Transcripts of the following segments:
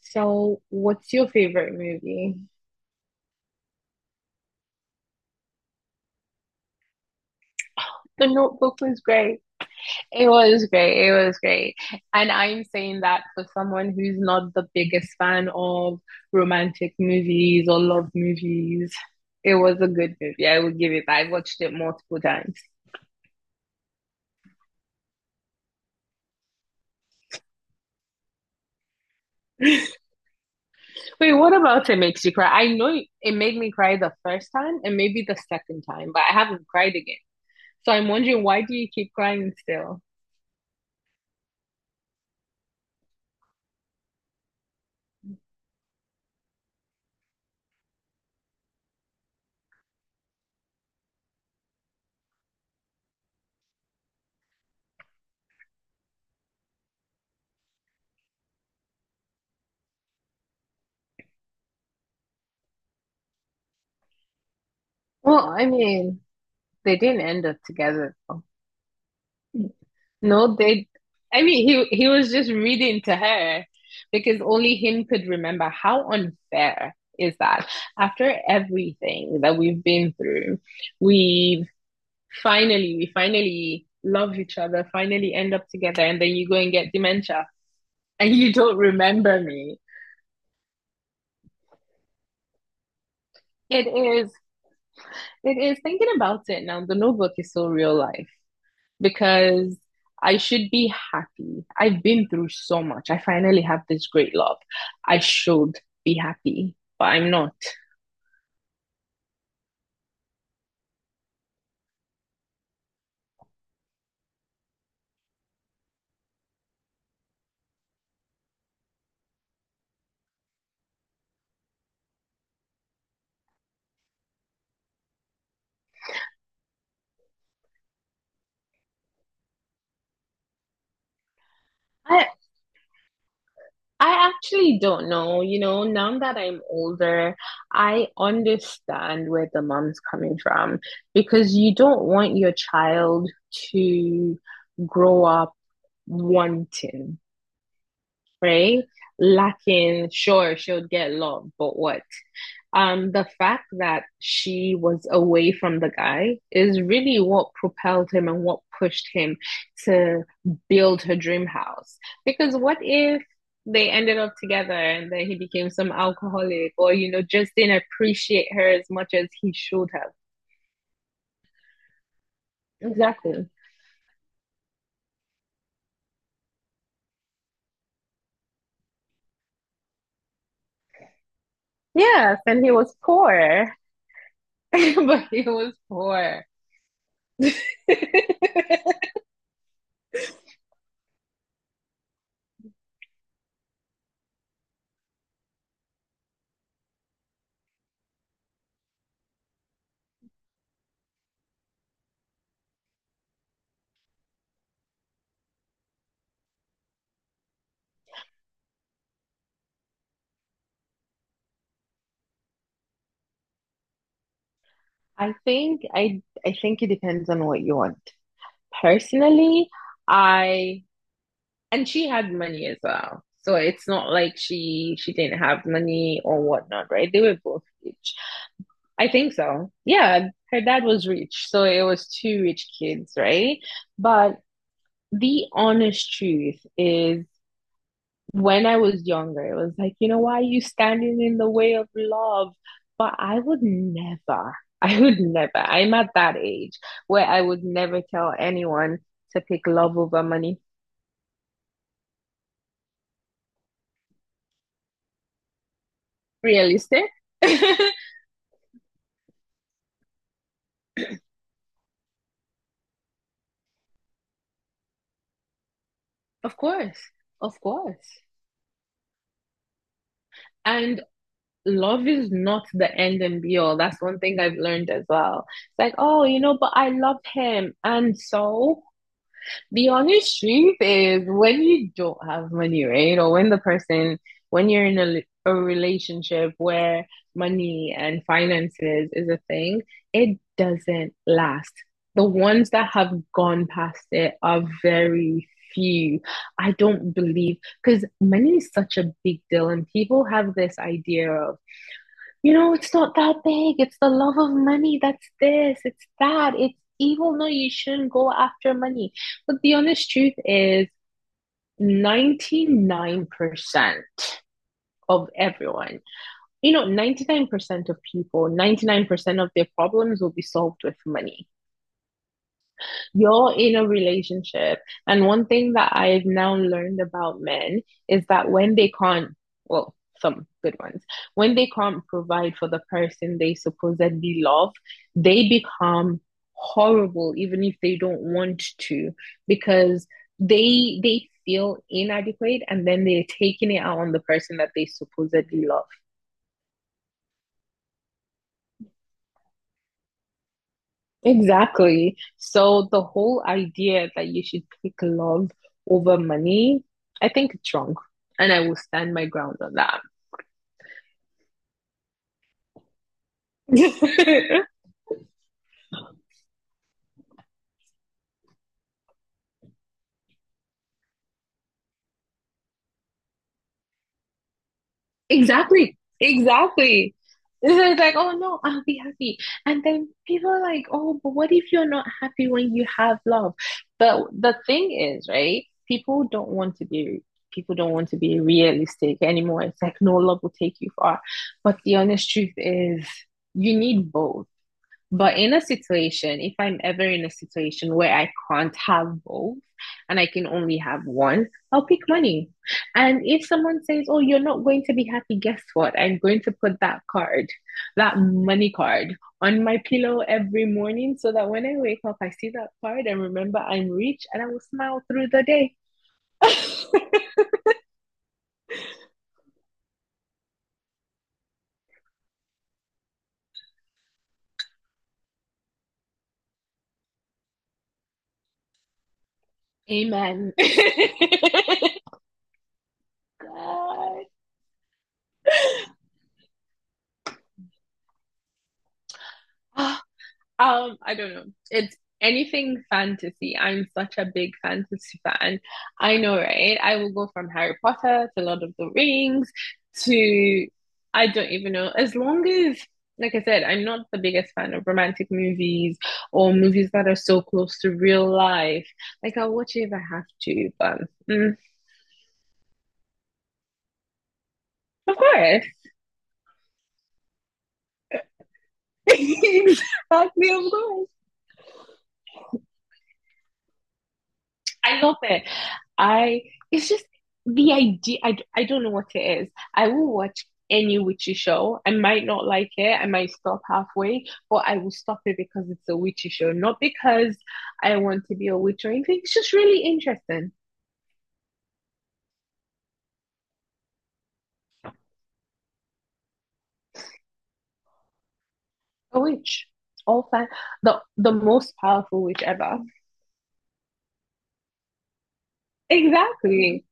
So, what's your favorite movie? The Notebook was great. It was great. It was great. And I'm saying that for someone who's not the biggest fan of romantic movies or love movies. It was a good movie. I will give it that. I watched it multiple times. Wait, what about it makes you cry? I know it made me cry the first time and maybe the second time, but I haven't cried again. So I'm wondering, why do you keep crying still? Well, I mean, they didn't end up together though. No, they, I mean, he was just reading to her because only him could remember. How unfair is that? After everything that we've been through, we we finally love each other, finally end up together, and then you go and get dementia and you don't remember me. It is, it is thinking about it now. The notebook is so real life. Because I should be happy. I've been through so much. I finally have this great love. I should be happy, but I'm not. I I actually don't know. You know, now that I'm older, I understand where the mom's coming from because you don't want your child to grow up wanting, right? Lacking, sure, she'll get love, but what? The fact that she was away from the guy is really what propelled him and what pushed him to build her dream house. Because what if they ended up together and then he became some alcoholic or, you know, just didn't appreciate her as much as he should have? Exactly. Yes, and he was poor, but he was poor. I think it depends on what you want. Personally, I, and she had money as well. So it's not like she didn't have money or whatnot, right? They were both rich. I think so. Yeah, her dad was rich, so it was two rich kids, right? But the honest truth is, when I was younger, it was like, you know, why are you standing in the way of love? But I would never, I would never, I'm at that age where I would never tell anyone to pick love over money. Realistic? Of course, of course. And love is not the end and be all. That's one thing I've learned as well. It's like, oh, you know, but I love him. And so the honest truth is, when you don't have money, right? Or when the person, when you're in a relationship where money and finances is a thing, it doesn't last. The ones that have gone past it are very few. I don't believe because money is such a big deal, and people have this idea of, you know, it's not that big. It's the love of money. That's this. It's that. It's evil. No, you shouldn't go after money. But the honest truth is, 99% of everyone, you know, 99% of people, 99% of their problems will be solved with money. You're in a relationship. And one thing that I've now learned about men is that when they can't, well, some good ones, when they can't provide for the person they supposedly love, they become horrible even if they don't want to, because they feel inadequate and then they're taking it out on the person that they supposedly love. Exactly. So the whole idea that you should pick love over money, I think it's wrong. And I will stand my ground on that. Exactly. Exactly. So it's like, oh no, I'll be happy. And then people are like, oh, but what if you're not happy when you have love? But the thing is, right? People don't want to be, people don't want to be realistic anymore. It's like, no, love will take you far. But the honest truth is, you need both. But in a situation, if I'm ever in a situation where I can't have both and I can only have one, I'll pick money. And if someone says, oh, you're not going to be happy, guess what? I'm going to put that card, that money card, on my pillow every morning so that when I wake up, I see that card and remember I'm rich and I will smile through the day. Amen. God. I don't know. It's anything fantasy. I'm such a big fantasy fan. I know, right? I will go from Harry Potter to Lord of the Rings to I don't even know. As long as, like I said, I'm not the biggest fan of romantic movies or movies that are so close to real life. Like I'll watch it if I have to, but mm, of course. Exactly, of course. I love it. I, it's just the idea. I don't know what it is. I will watch any witchy show. I might not like it. I might stop halfway, but I will stop it because it's a witchy show, not because I want to be a witch or anything. It's just really interesting. A witch, all fan, the most powerful witch ever. Exactly.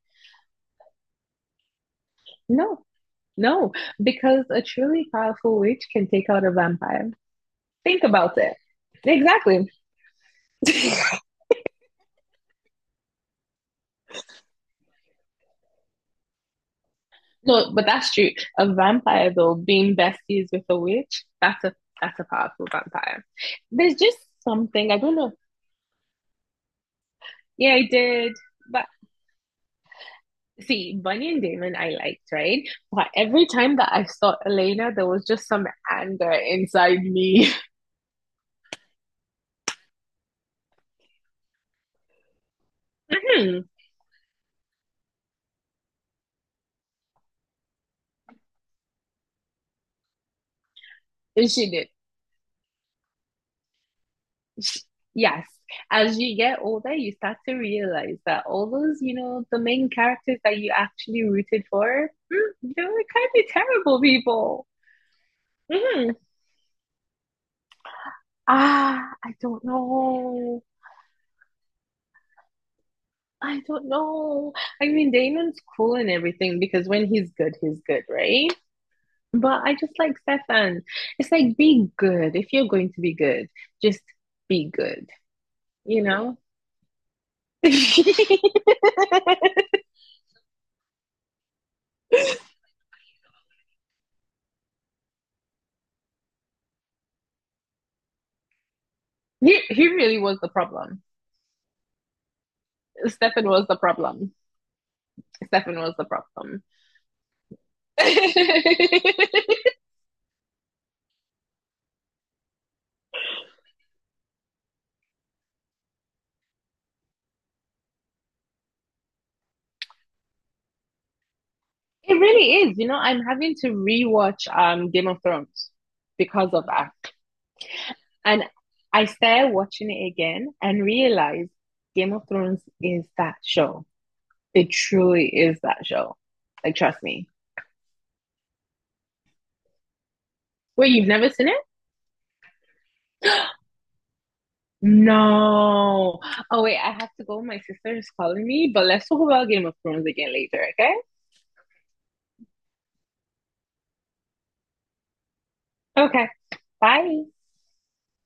No, no, because a truly powerful witch can take out a vampire. Think about it. Exactly. No, but that's true. A vampire though, being besties with a witch, that's a, that's a powerful vampire. There's just something, I don't know. Yeah, I did. But see, Bunny and Damon I liked, right? But every time that I saw Elena, there was just some anger inside me. And she did. Sh, yes. As you get older, you start to realize that all those, you know, the main characters that you actually rooted for, hmm, they were kind of terrible people. Mhm. Ah, I don't know. I don't know. I mean, Damon's cool and everything because when he's good, right? But I just like Stefan. It's like, be good. If you're going to be good, just be good, you know? He really was the problem. Stefan was the problem. Stefan was the problem. It really is. You know, I'm having to rewatch Game of Thrones because of that. And I started watching it again and realized Game of Thrones is that show. It truly is that show. Like, trust me. Wait, you've never seen it? No. Oh, wait, I have to go. My sister is calling me, but let's talk about Game of Thrones again later, okay? Okay, bye.